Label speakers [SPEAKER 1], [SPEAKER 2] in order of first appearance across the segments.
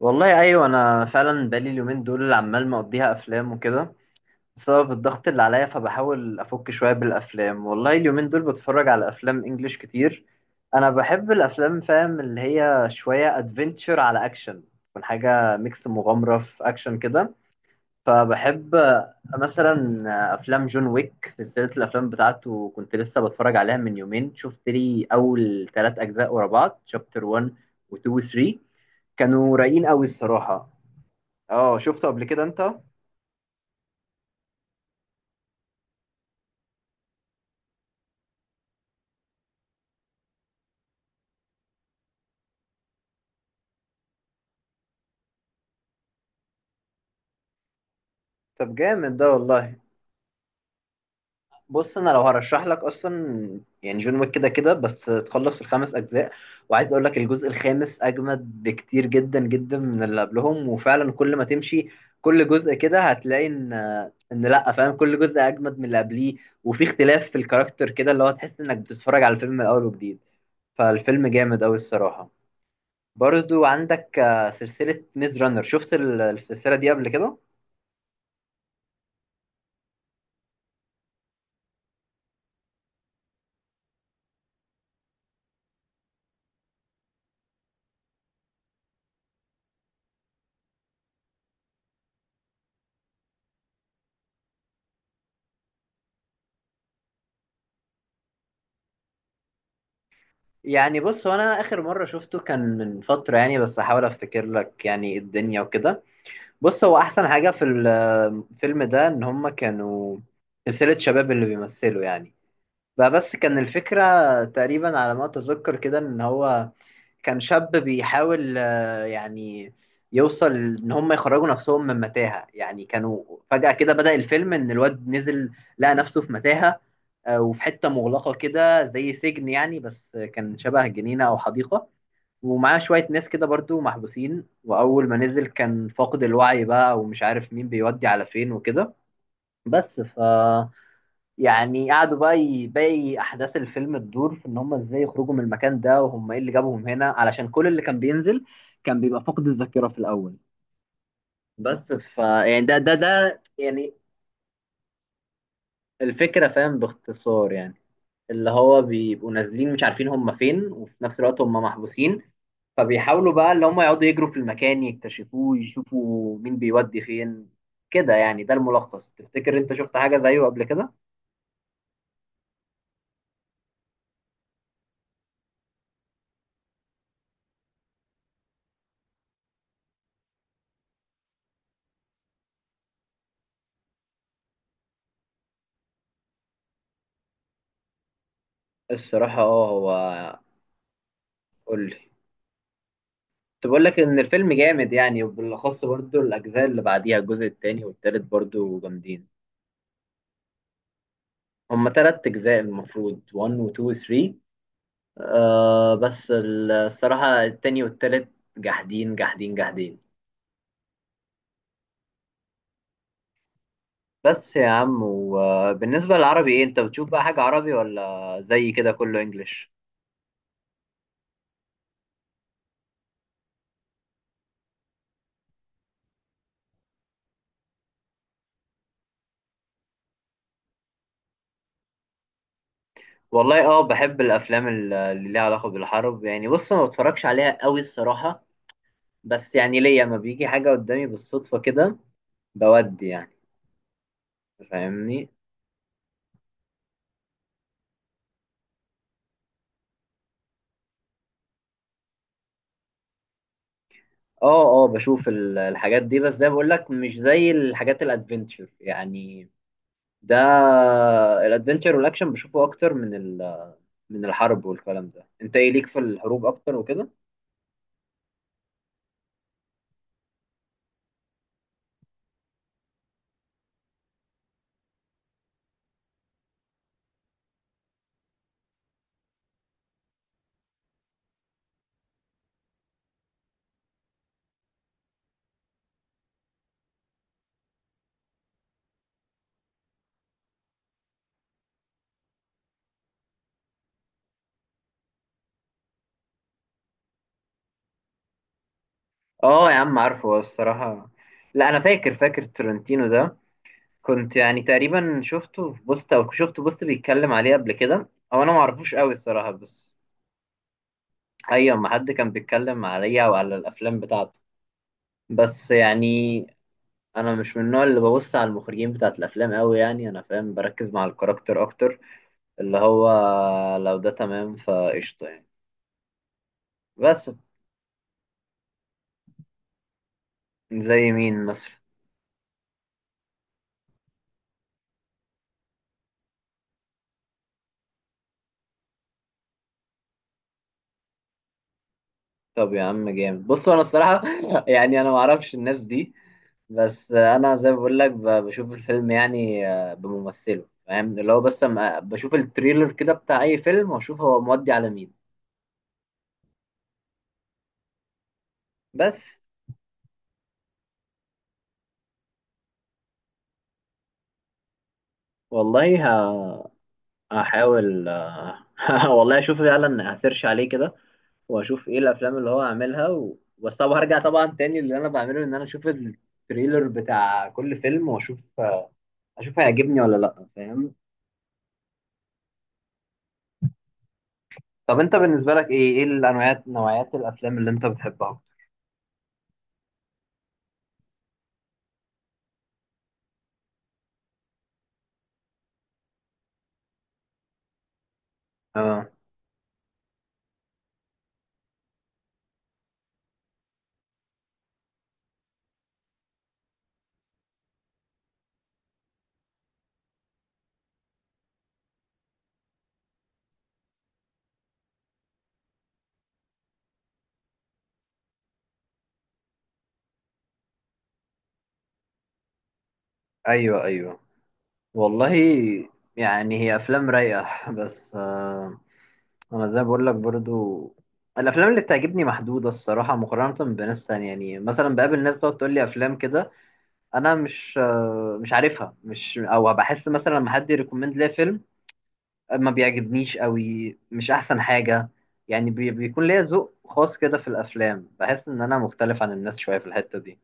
[SPEAKER 1] والله ايوه، انا فعلا بقالي اليومين دول عمال مقضيها افلام وكده بسبب الضغط اللي عليا، فبحاول افك شويه بالافلام. والله اليومين دول بتفرج على افلام انجليش كتير. انا بحب الافلام، فاهم اللي هي شويه ادفنتشر على اكشن. تكون حاجه ميكس مغامره في اكشن كده، فبحب مثلا افلام جون ويك. سلسله الافلام بتاعته كنت لسه بتفرج عليها من يومين، شفت لي اول ثلاث اجزاء ورا بعض، شابتر 1 و2 و3. كانوا رايقين قوي الصراحه. اه، شفته قبل كده انت؟ طب جامد ده والله. بص، انا لو هرشح لك اصلا يعني جون ويك كده كده، بس تخلص الخمس اجزاء. وعايز اقول لك الجزء الخامس اجمد بكتير جدا جدا من اللي قبلهم. وفعلا كل ما تمشي كل جزء كده هتلاقي ان لا، فاهم، كل جزء اجمد من اللي قبليه. وفي اختلاف في الكاركتر كده، اللي هو تحس انك بتتفرج على الفيلم من الاول وجديد. فالفيلم جامد اوي الصراحة. برضو عندك سلسلة ميز رانر. شفت السلسلة دي قبل كده؟ يعني بص، هو انا اخر مره شفته كان من فتره يعني، بس احاول افتكر لك يعني الدنيا وكده. بص، هو احسن حاجه في الفيلم ده ان هم كانوا سلسله شباب اللي بيمثلوا يعني. بقى بس كان الفكره تقريبا على ما اتذكر كده ان هو كان شاب بيحاول يعني يوصل ان هم يخرجوا نفسهم من متاهة. يعني كانوا فجأة كده بدأ الفيلم ان الواد نزل، لقى نفسه في متاهة. وفي حتة مغلقة كده زي سجن يعني، بس كان شبه جنينة او حديقة. ومعاه شوية ناس كده برضو محبوسين، وأول ما نزل كان فاقد الوعي بقى ومش عارف مين بيودي على فين وكده. بس يعني قعدوا بقى، باقي احداث الفيلم تدور في ان هم ازاي يخرجوا من المكان ده، وهم ايه اللي جابهم هنا، علشان كل اللي كان بينزل كان بيبقى فقد الذاكره في الاول. بس يعني ده يعني الفكره، فاهم، باختصار يعني. اللي هو بيبقوا نازلين مش عارفين هم فين، وفي نفس الوقت هم محبوسين. فبيحاولوا بقى اللي هم يقعدوا يجروا في المكان، يكتشفوه، يشوفوا مين بيودي فين كده يعني. ده الملخص. تفتكر انت شفت حاجه زيه قبل كده؟ الصراحه اه، هو قول لي. كنت بقول لك ان الفيلم جامد يعني، وبالاخص برضو الاجزاء اللي بعديها، الجزء التاني والتالت برضو جامدين. هما تلات اجزاء المفروض، 1 و 2 و 3. آه، بس الصراحة التاني والتالت جاحدين، جاحدين، جاحدين. بس يا عم، وبالنسبة للعربي ايه؟ انت بتشوف بقى حاجة عربي ولا زي كده كله انجليش؟ والله اه، بحب الافلام اللي ليها علاقة بالحرب يعني. بص، ما بتفرجش عليها قوي الصراحة، بس يعني ليا، ما بيجي حاجة قدامي بالصدفة كده بودي يعني، فاهمني. اه اه، بشوف الحاجات دي، بس زي ما بقول لك مش زي الحاجات الادفنتشر يعني. ده الادفنتشر والاكشن بشوفه اكتر من من الحرب والكلام ده. انت ايه ليك في الحروب اكتر وكده؟ اه يا عم، عارفه الصراحه. لا، انا فاكر ترنتينو ده، كنت يعني تقريبا شفته في بوست، او شفت بوست بيتكلم عليه قبل كده، او انا معرفوش قوي الصراحه، بس ايوه، ما حد كان بيتكلم عليا وعلى الافلام بتاعته. بس يعني انا مش من النوع اللي ببص على المخرجين بتاعت الافلام قوي يعني، انا فاهم بركز مع الكاركتر اكتر، اللي هو لو ده تمام فقشطه يعني. بس زي مين مثلا؟ طب يا عم جامد. بص انا الصراحه يعني انا ما اعرفش الناس دي، بس انا زي ما بقول لك بشوف الفيلم يعني بممثله، فاهم اللي هو. بس أما بشوف التريلر كده بتاع اي فيلم، واشوف هو مودي على مين. بس والله، هحاول والله اشوف فعلا، هسيرش عليه كده واشوف ايه الافلام اللي هو عاملها بس طبعا هرجع طبعا تاني. اللي انا بعمله ان انا اشوف التريلر بتاع كل فيلم، واشوف هيعجبني ولا لا، فاهم. طب انت بالنسبه لك ايه الانواعات، نوعيات الافلام اللي انت بتحبها؟ اه ايوه ايوه. والله يعني هي افلام رايقه بس. انا زي ما بقول لك برضو، الافلام اللي بتعجبني محدوده الصراحه، مقارنه بناس تانية يعني. مثلا بقابل ناس بتقعد تقول لي افلام كده انا مش عارفها، مش، او بحس مثلا لما حد يريكومند ليا فيلم، ما بيعجبنيش قوي، مش احسن حاجه يعني. بيكون ليا ذوق خاص كده في الافلام، بحس ان انا مختلف عن الناس شويه في الحته دي.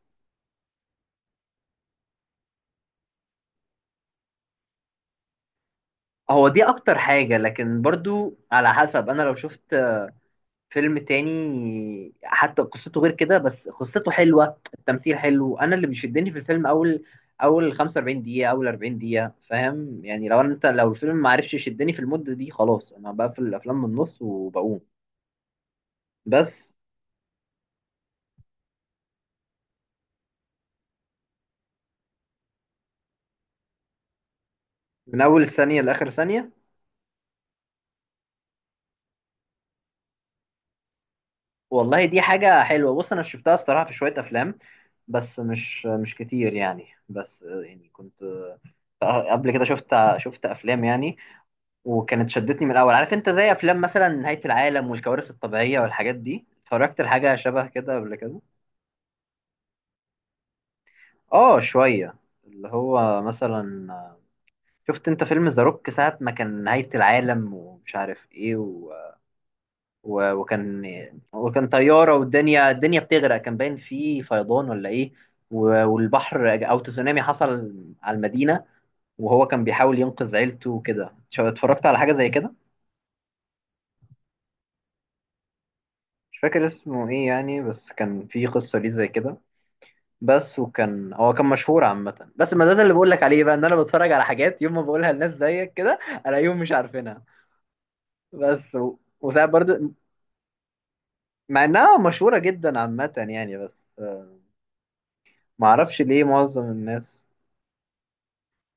[SPEAKER 1] هو دي اكتر حاجه، لكن برضو على حسب. انا لو شفت فيلم تاني حتى قصته غير كده، بس قصته حلوة، التمثيل حلو، انا اللي بيشدني في الفيلم اول 45 دقيقة، اول 40 دقيقة، فاهم يعني. لو الفيلم ما عرفش يشدني في المدة دي خلاص، انا بقفل الافلام من النص وبقوم. بس من اول ثانية لاخر ثانية. والله دي حاجة حلوة، بص انا شفتها الصراحة في شوية افلام، بس مش كتير يعني. بس يعني كنت قبل كده شفت افلام يعني، وكانت شدتني من الاول، عارف انت، زي افلام مثلا نهاية العالم والكوارث الطبيعية والحاجات دي. اتفرجت لحاجة شبه كده قبل كده. اه شوية، اللي هو مثلا، شفت انت فيلم ذا روك ساعة ما كان نهاية العالم ومش عارف ايه و... و... وكان وكان طيارة، والدنيا بتغرق، كان باين فيه فيضان ولا ايه، و... والبحر او تسونامي حصل على المدينة، وهو كان بيحاول ينقذ عيلته وكده. اتفرجت على حاجة زي كده. مش فاكر اسمه ايه يعني، بس كان في قصة ليه زي كده، بس. وكان هو كان مشهور عامة، بس ما ده اللي بقول لك عليه بقى، ان انا بتفرج على حاجات يوم ما بقولها لناس زيك كده الاقيهم مش عارفينها. بس و... وساعات برضو مع انها مشهورة جدا عامة يعني، بس آه، ما اعرفش ليه معظم الناس.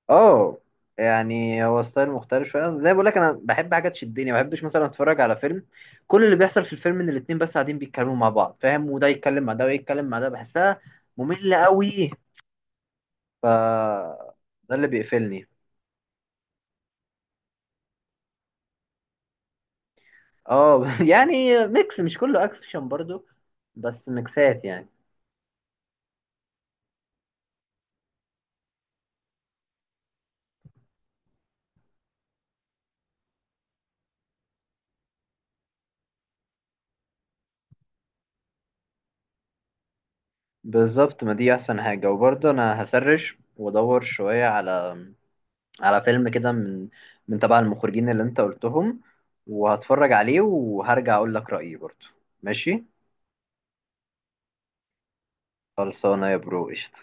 [SPEAKER 1] اه، يعني هو ستايل مختلف شوية، زي بقول لك انا بحب حاجة تشدني. ما بحبش مثلا اتفرج على فيلم كل اللي بيحصل في الفيلم ان الاتنين بس قاعدين بيتكلموا مع بعض، فاهم، وده يتكلم مع ده ويتكلم مع ده، بحسها مملة قوي. ف ده اللي بيقفلني. اه يعني ميكس، مش كله اكشن برضو، بس ميكسات يعني. بالظبط، ما دي احسن حاجة. وبرضه انا هسرش وادور شوية على فيلم كده من تبع المخرجين اللي انت قلتهم، وهتفرج عليه وهرجع اقول لك رأيي برضه. ماشي، خلصانة يا برو، قشطة.